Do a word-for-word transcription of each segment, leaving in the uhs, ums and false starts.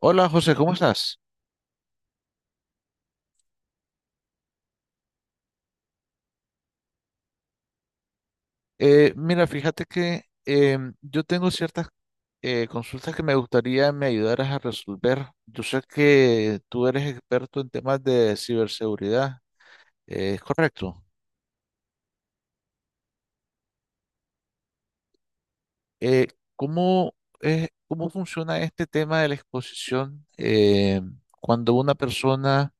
Hola José, ¿cómo estás? Eh, mira, fíjate que em, yo tengo ciertas eh, consultas que me gustaría me ayudaras a resolver. Yo sé que tú eres experto en temas de ciberseguridad, eh, ¿es correcto? Eh, ¿cómo es- Cómo funciona este tema de la exposición eh, cuando una persona,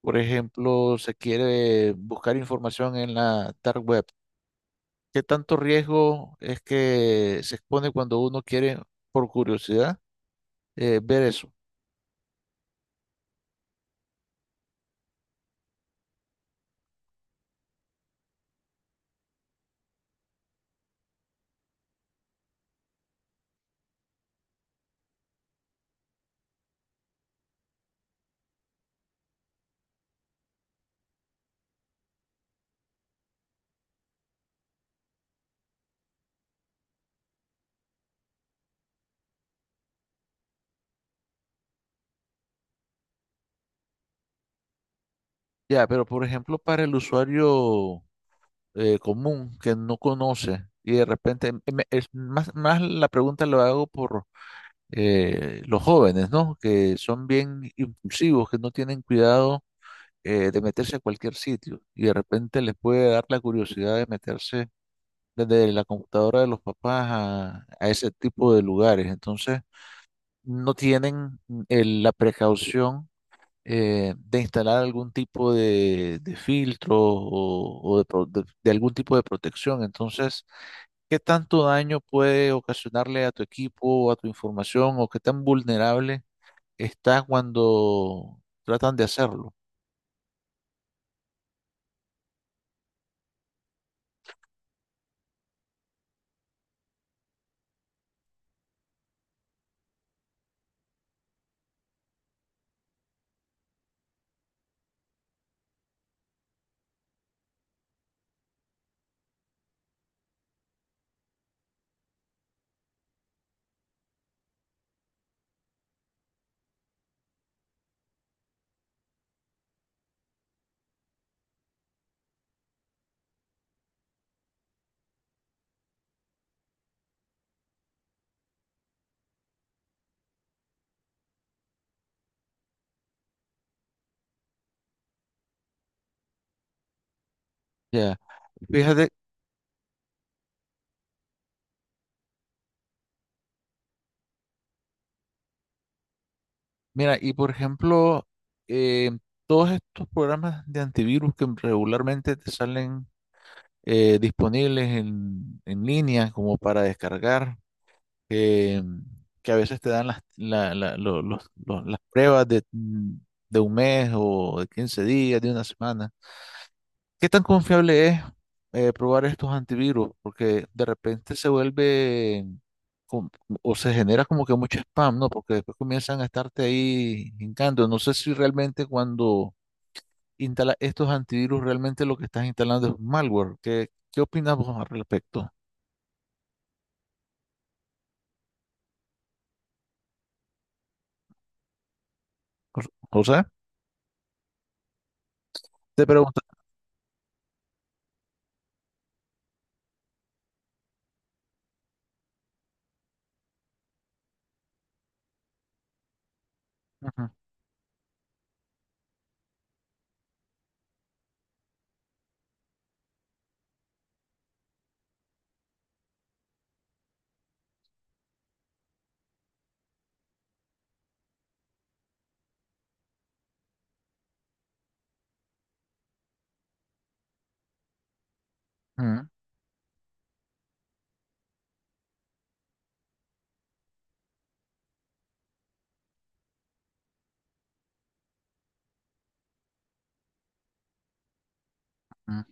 por ejemplo, se quiere buscar información en la dark web? ¿Qué tanto riesgo es que se expone cuando uno quiere, por curiosidad, eh, ver eso? Ya, pero por ejemplo, para el usuario eh, común que no conoce y de repente, em- em- es más, más la pregunta lo hago por eh, los jóvenes, ¿no? Que son bien impulsivos, que no tienen cuidado eh, de meterse a cualquier sitio y de repente les puede dar la curiosidad de meterse desde la computadora de los papás a, a ese tipo de lugares. Entonces, no tienen mm, el- la precaución eh, de instalar algún tipo de, de filtro o, o de, pro- de- de algún tipo de protección. Entonces, ¿qué tanto daño puede ocasionarle a tu equipo o a tu información o qué tan vulnerable está cuando tratan de hacerlo? Ya. Fíjate, mira, y por ejemplo, eh, todos estos programas de antivirus que regularmente te salen eh, disponibles en, en línea como para descargar, que, que a veces te dan las, la- la- lo- los- lo- las pruebas de, mm, de un mes o de quince días, de una semana. ¿Qué tan confiable es eh, probar estos antivirus? Porque de repente se vuelve com- o se genera como que mucho spam, ¿no? Porque después comienzan a estarte ahí hincando. No sé si realmente cuando instalas estos antivirus, realmente lo que estás instalando es un malware. ¿Qué, qué opinas vos al respecto? O o sea, Te pregunto. Ujú, ujú.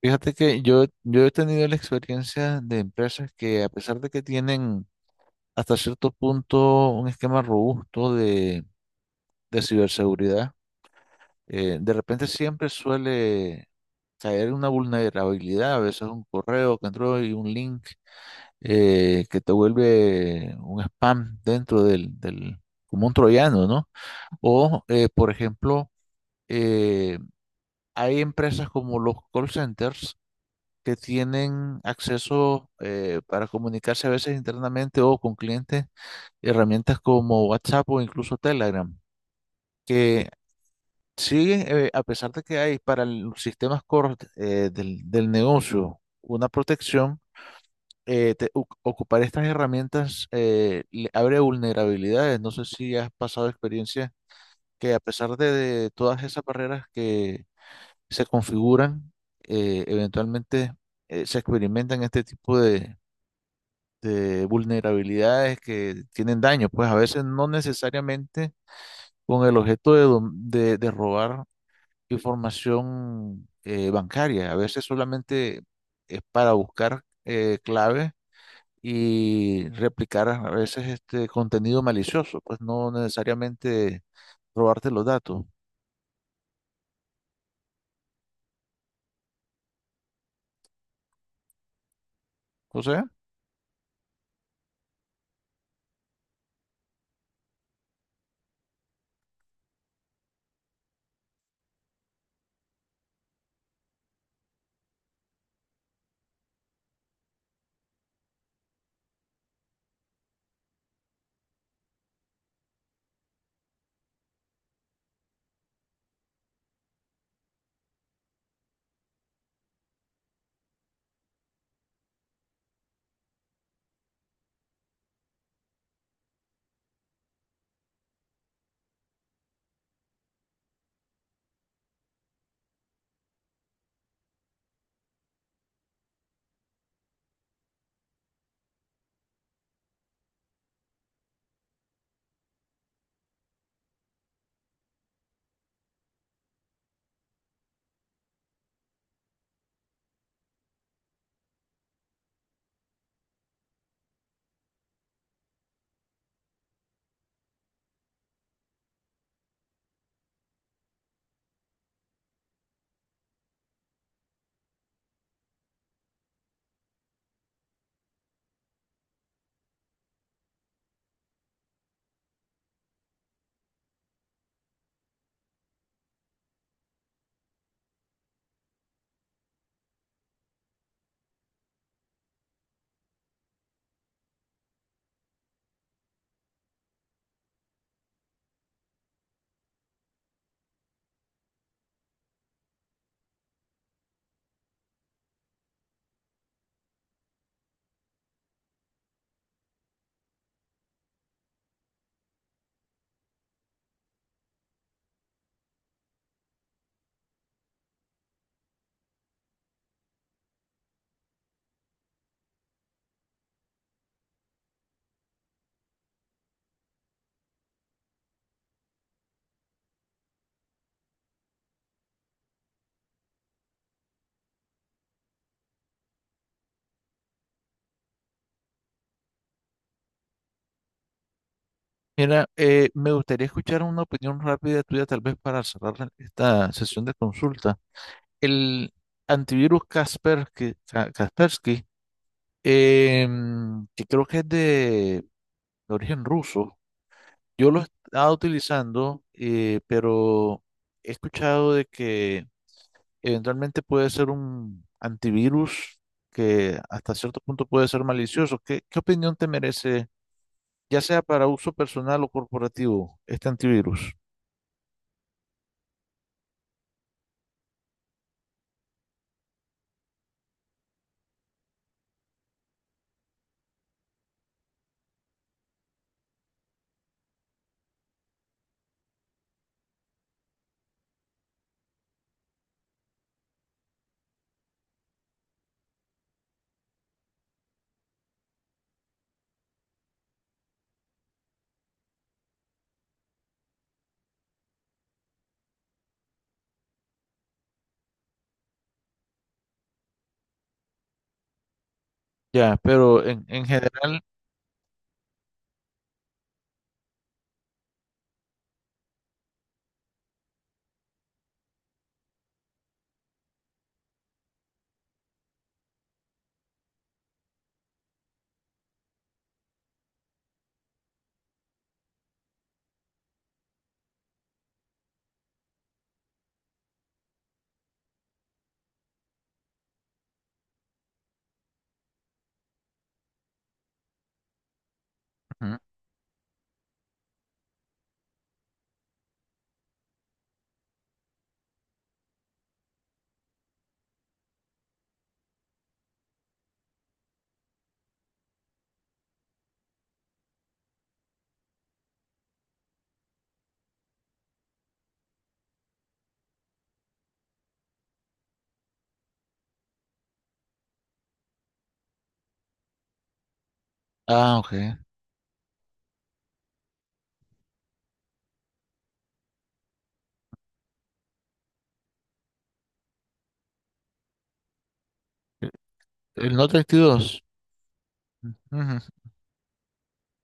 Fíjate que yo, yo he tenido la experiencia de empresas que a pesar de que tienen hasta cierto punto un esquema robusto de, de ciberseguridad, eh, de repente siempre suele caer una vulnerabilidad, a veces un correo que entró y un link eh, que te vuelve un spam dentro del, del, como un troyano, ¿no? O, eh, por ejemplo, eh, hay empresas como los call centers que tienen acceso eh, para comunicarse a veces internamente o con clientes, herramientas como WhatsApp o incluso Telegram, que siguen, eh, a pesar de que hay para los sistemas core eh, del, del negocio una protección, eh, te- u- ocupar estas herramientas eh, le abre vulnerabilidades. No sé si has pasado experiencia que a pesar de, de todas esas barreras que se configuran, eh, eventualmente eh, se experimentan este tipo de, de vulnerabilidades que tienen daño, pues a veces no necesariamente con el objeto de, dom- de, de robar información eh, bancaria, a veces solamente es para buscar eh, claves y replicar a veces este contenido malicioso, pues no necesariamente robarte los datos. O sea, mira, eh, me gustaría escuchar una opinión rápida tuya tal vez para cerrar esta sesión de consulta. El antivirus Kaspersky, Ka- Kaspersky em, que creo que es de origen ruso, yo lo he estado utilizando, eh, pero he escuchado de que eventualmente puede ser un antivirus que hasta cierto punto puede ser malicioso. ¿Qué, qué opinión te merece, ya sea para uso personal o corporativo, este antivirus? Ya, pero en, en general... Ujú. Ah, ok. El el no treinta y dos. Ujú, ujú,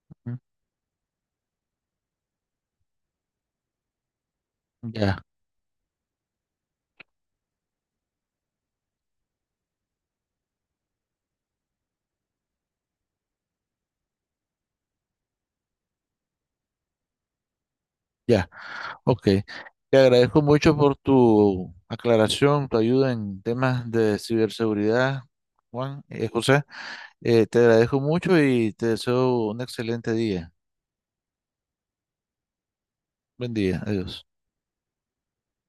ujú. Ya. Ya, ok. Te agradezco mucho por tu aclaración, tu ayuda en temas de ciberseguridad, Juan, eh, José. Eh, te agradezco mucho y te deseo un excelente día. Buen día, adiós.